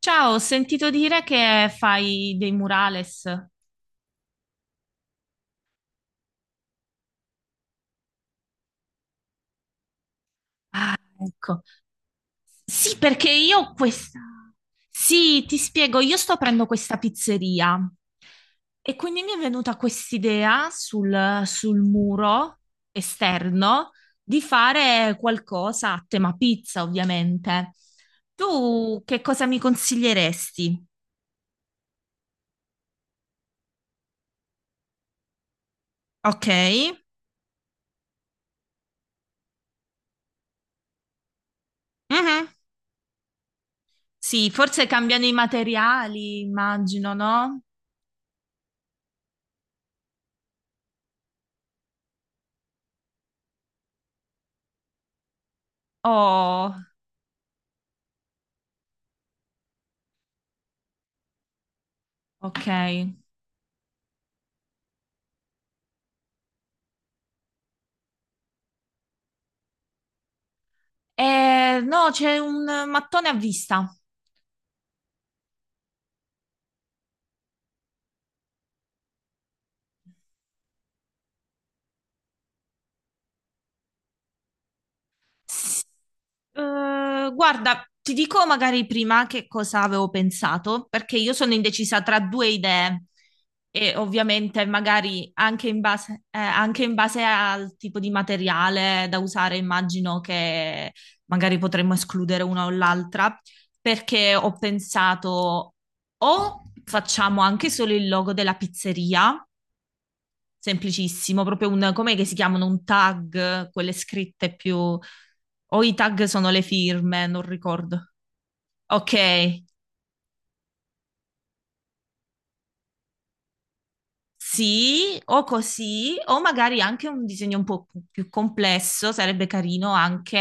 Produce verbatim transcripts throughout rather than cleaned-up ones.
Ciao, ho sentito dire che fai dei murales. Ah, ecco. Sì, perché io ho questa. Sì, ti spiego, io sto aprendo questa pizzeria e quindi mi è venuta quest'idea sul, sul muro esterno di fare qualcosa a tema pizza, ovviamente. Tu che cosa mi consiglieresti? Ok. Mhm. Sì, forse cambiano i materiali, immagino, no? Oh. Ok. Eh, no, c'è un mattone a vista. S- eh, Guarda, ti dico magari prima che cosa avevo pensato, perché io sono indecisa tra due idee e ovviamente magari anche in base, eh, anche in base al tipo di materiale da usare, immagino che magari potremmo escludere una o l'altra, perché ho pensato o facciamo anche solo il logo della pizzeria. Semplicissimo, proprio un, com'è che si chiamano? Un tag, quelle scritte più. O i tag sono le firme, non ricordo. Ok. Sì, o così, o magari anche un disegno un po' più complesso, sarebbe carino anche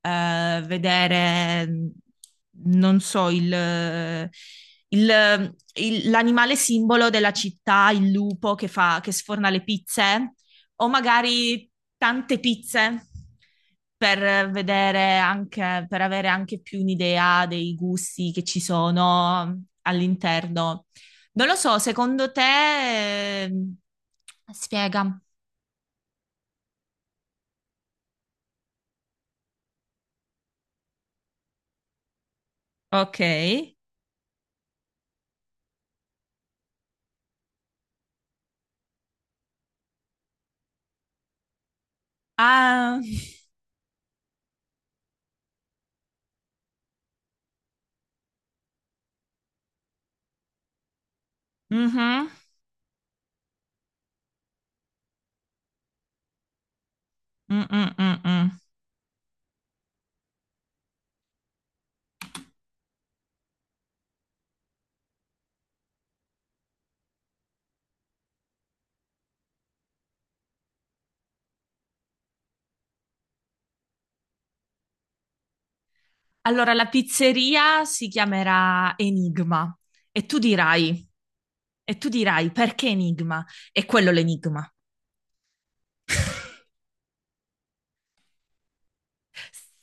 eh, vedere, mm, non so, il- eh, il- il- l'animale simbolo della città, il lupo che fa, che sforna le pizze, o magari tante pizze per vedere anche, per avere anche più un'idea dei gusti che ci sono all'interno. Non lo so, secondo te. ehm, Spiega. Ok. Ah, mhm, mm, mm, mm, mm. Allora, la pizzeria si chiamerà Enigma e tu dirai, e tu dirai perché Enigma? È quello l'enigma.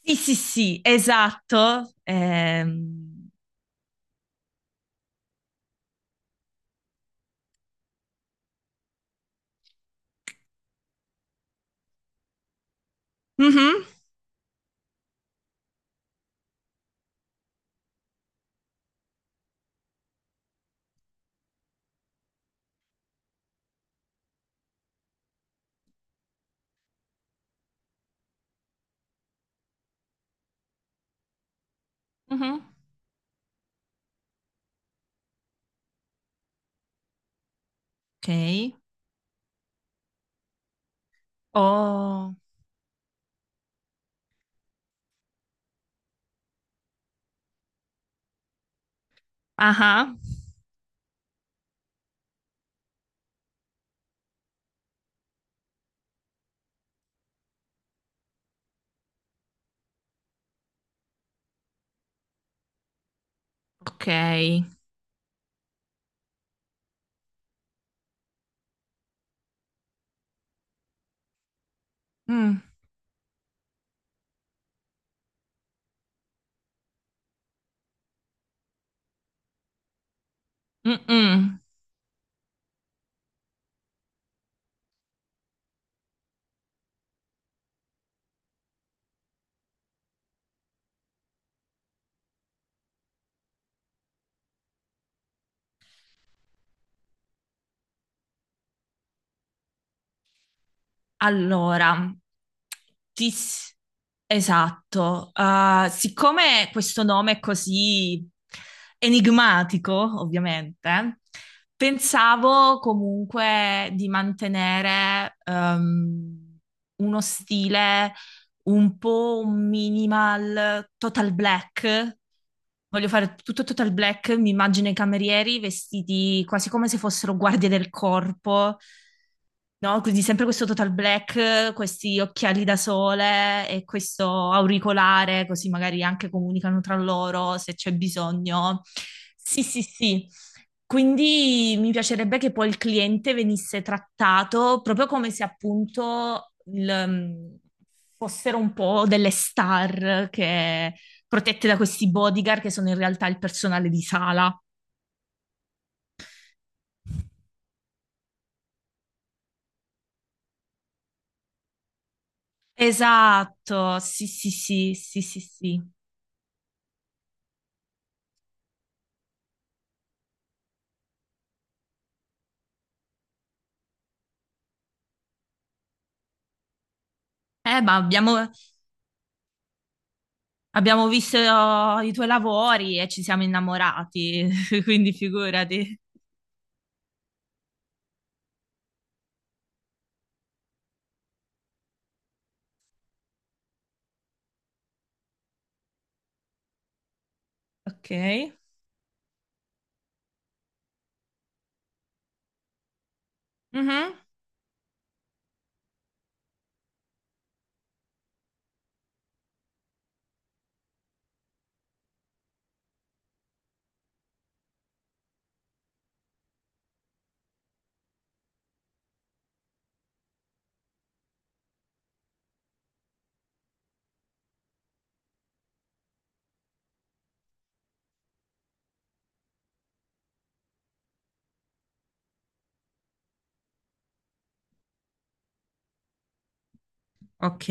Sì, sì, sì, esatto. Ehm, mhm, mhm. Ok. Oh, ah, ok. Mm, mm, mm. Allora, ti s- esatto. Ah, siccome questo nome è così enigmatico, ovviamente, pensavo comunque di mantenere ehm, uno stile un po' un minimal total black. Voglio fare tutto total black, mi immagino i camerieri vestiti quasi come se fossero guardie del corpo, no? Quindi sempre questo total black, questi occhiali da sole e questo auricolare, così magari anche comunicano tra loro se c'è bisogno. Sì, sì, sì. Quindi mi piacerebbe che poi il cliente venisse trattato proprio come se appunto il, mm, fossero un po' delle star che, protette da questi bodyguard che sono in realtà il personale di sala. Esatto, sì, sì, sì, sì, sì, sì. Eh, ma abbiamo, abbiamo visto i tuoi lavori e ci siamo innamorati, quindi figurati. Ok. Mhm. Ok.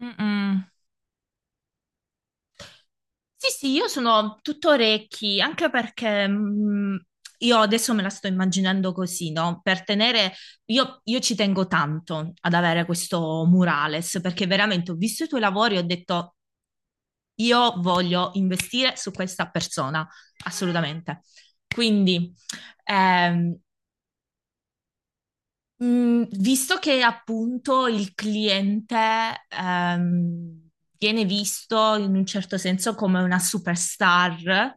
Mm-mm. Sì, sì, io sono tutto orecchi, anche perché mh, io adesso me la sto immaginando così, no? Per tenere, io, io ci tengo tanto ad avere questo murales, perché veramente ho visto i tuoi lavori e ho detto, io voglio investire su questa persona, assolutamente. Quindi, ehm, Mm, visto che appunto il cliente ehm, viene visto in un certo senso come una superstar,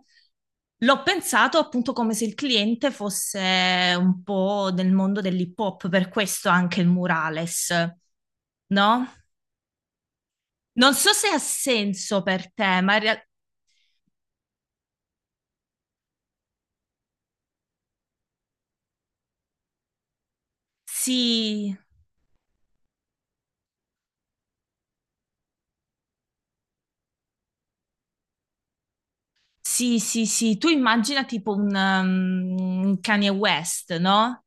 l'ho pensato appunto come se il cliente fosse un po' del mondo dell'hip hop, per questo anche il murales, no? Non so se ha senso per te, ma in rea- sì, sì, sì, sì, tu immagina tipo un um, Kanye West, no?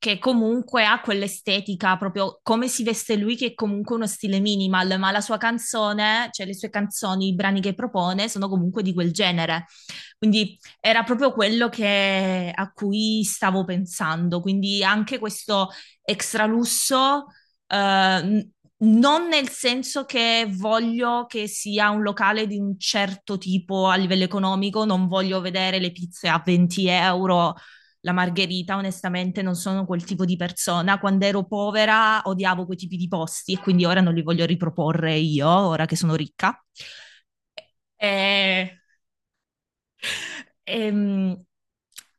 Che comunque ha quell'estetica, proprio come si veste lui, che è comunque uno stile minimal, ma la sua canzone, cioè le sue canzoni, i brani che propone, sono comunque di quel genere. Quindi era proprio quello che, a cui stavo pensando. Quindi anche questo extra lusso. eh, Non nel senso che voglio che sia un locale di un certo tipo a livello economico, non voglio vedere le pizze a venti euro la margherita, onestamente, non sono quel tipo di persona. Quando ero povera odiavo quei tipi di posti e quindi ora non li voglio riproporre io, ora che sono ricca. E, ehm,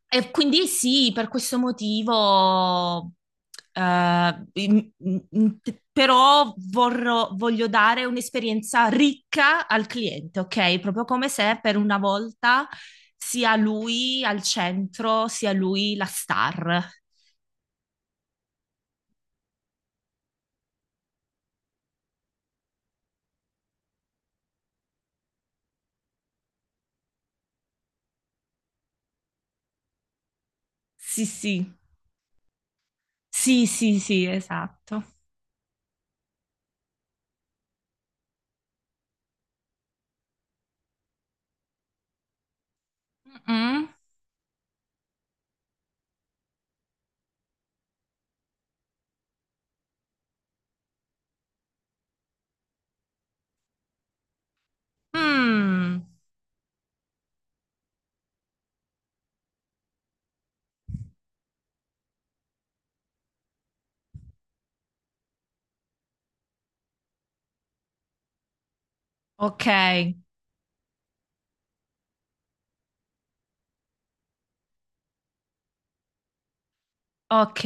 e quindi sì, per questo motivo, eh, in- in- però vorrò- voglio dare un'esperienza ricca al cliente, ok? Proprio come se per una volta sia lui al centro, sia lui la star. Sì, sì, sì, sì, sì, esatto. Mm-mm. Mm. Ok, ok.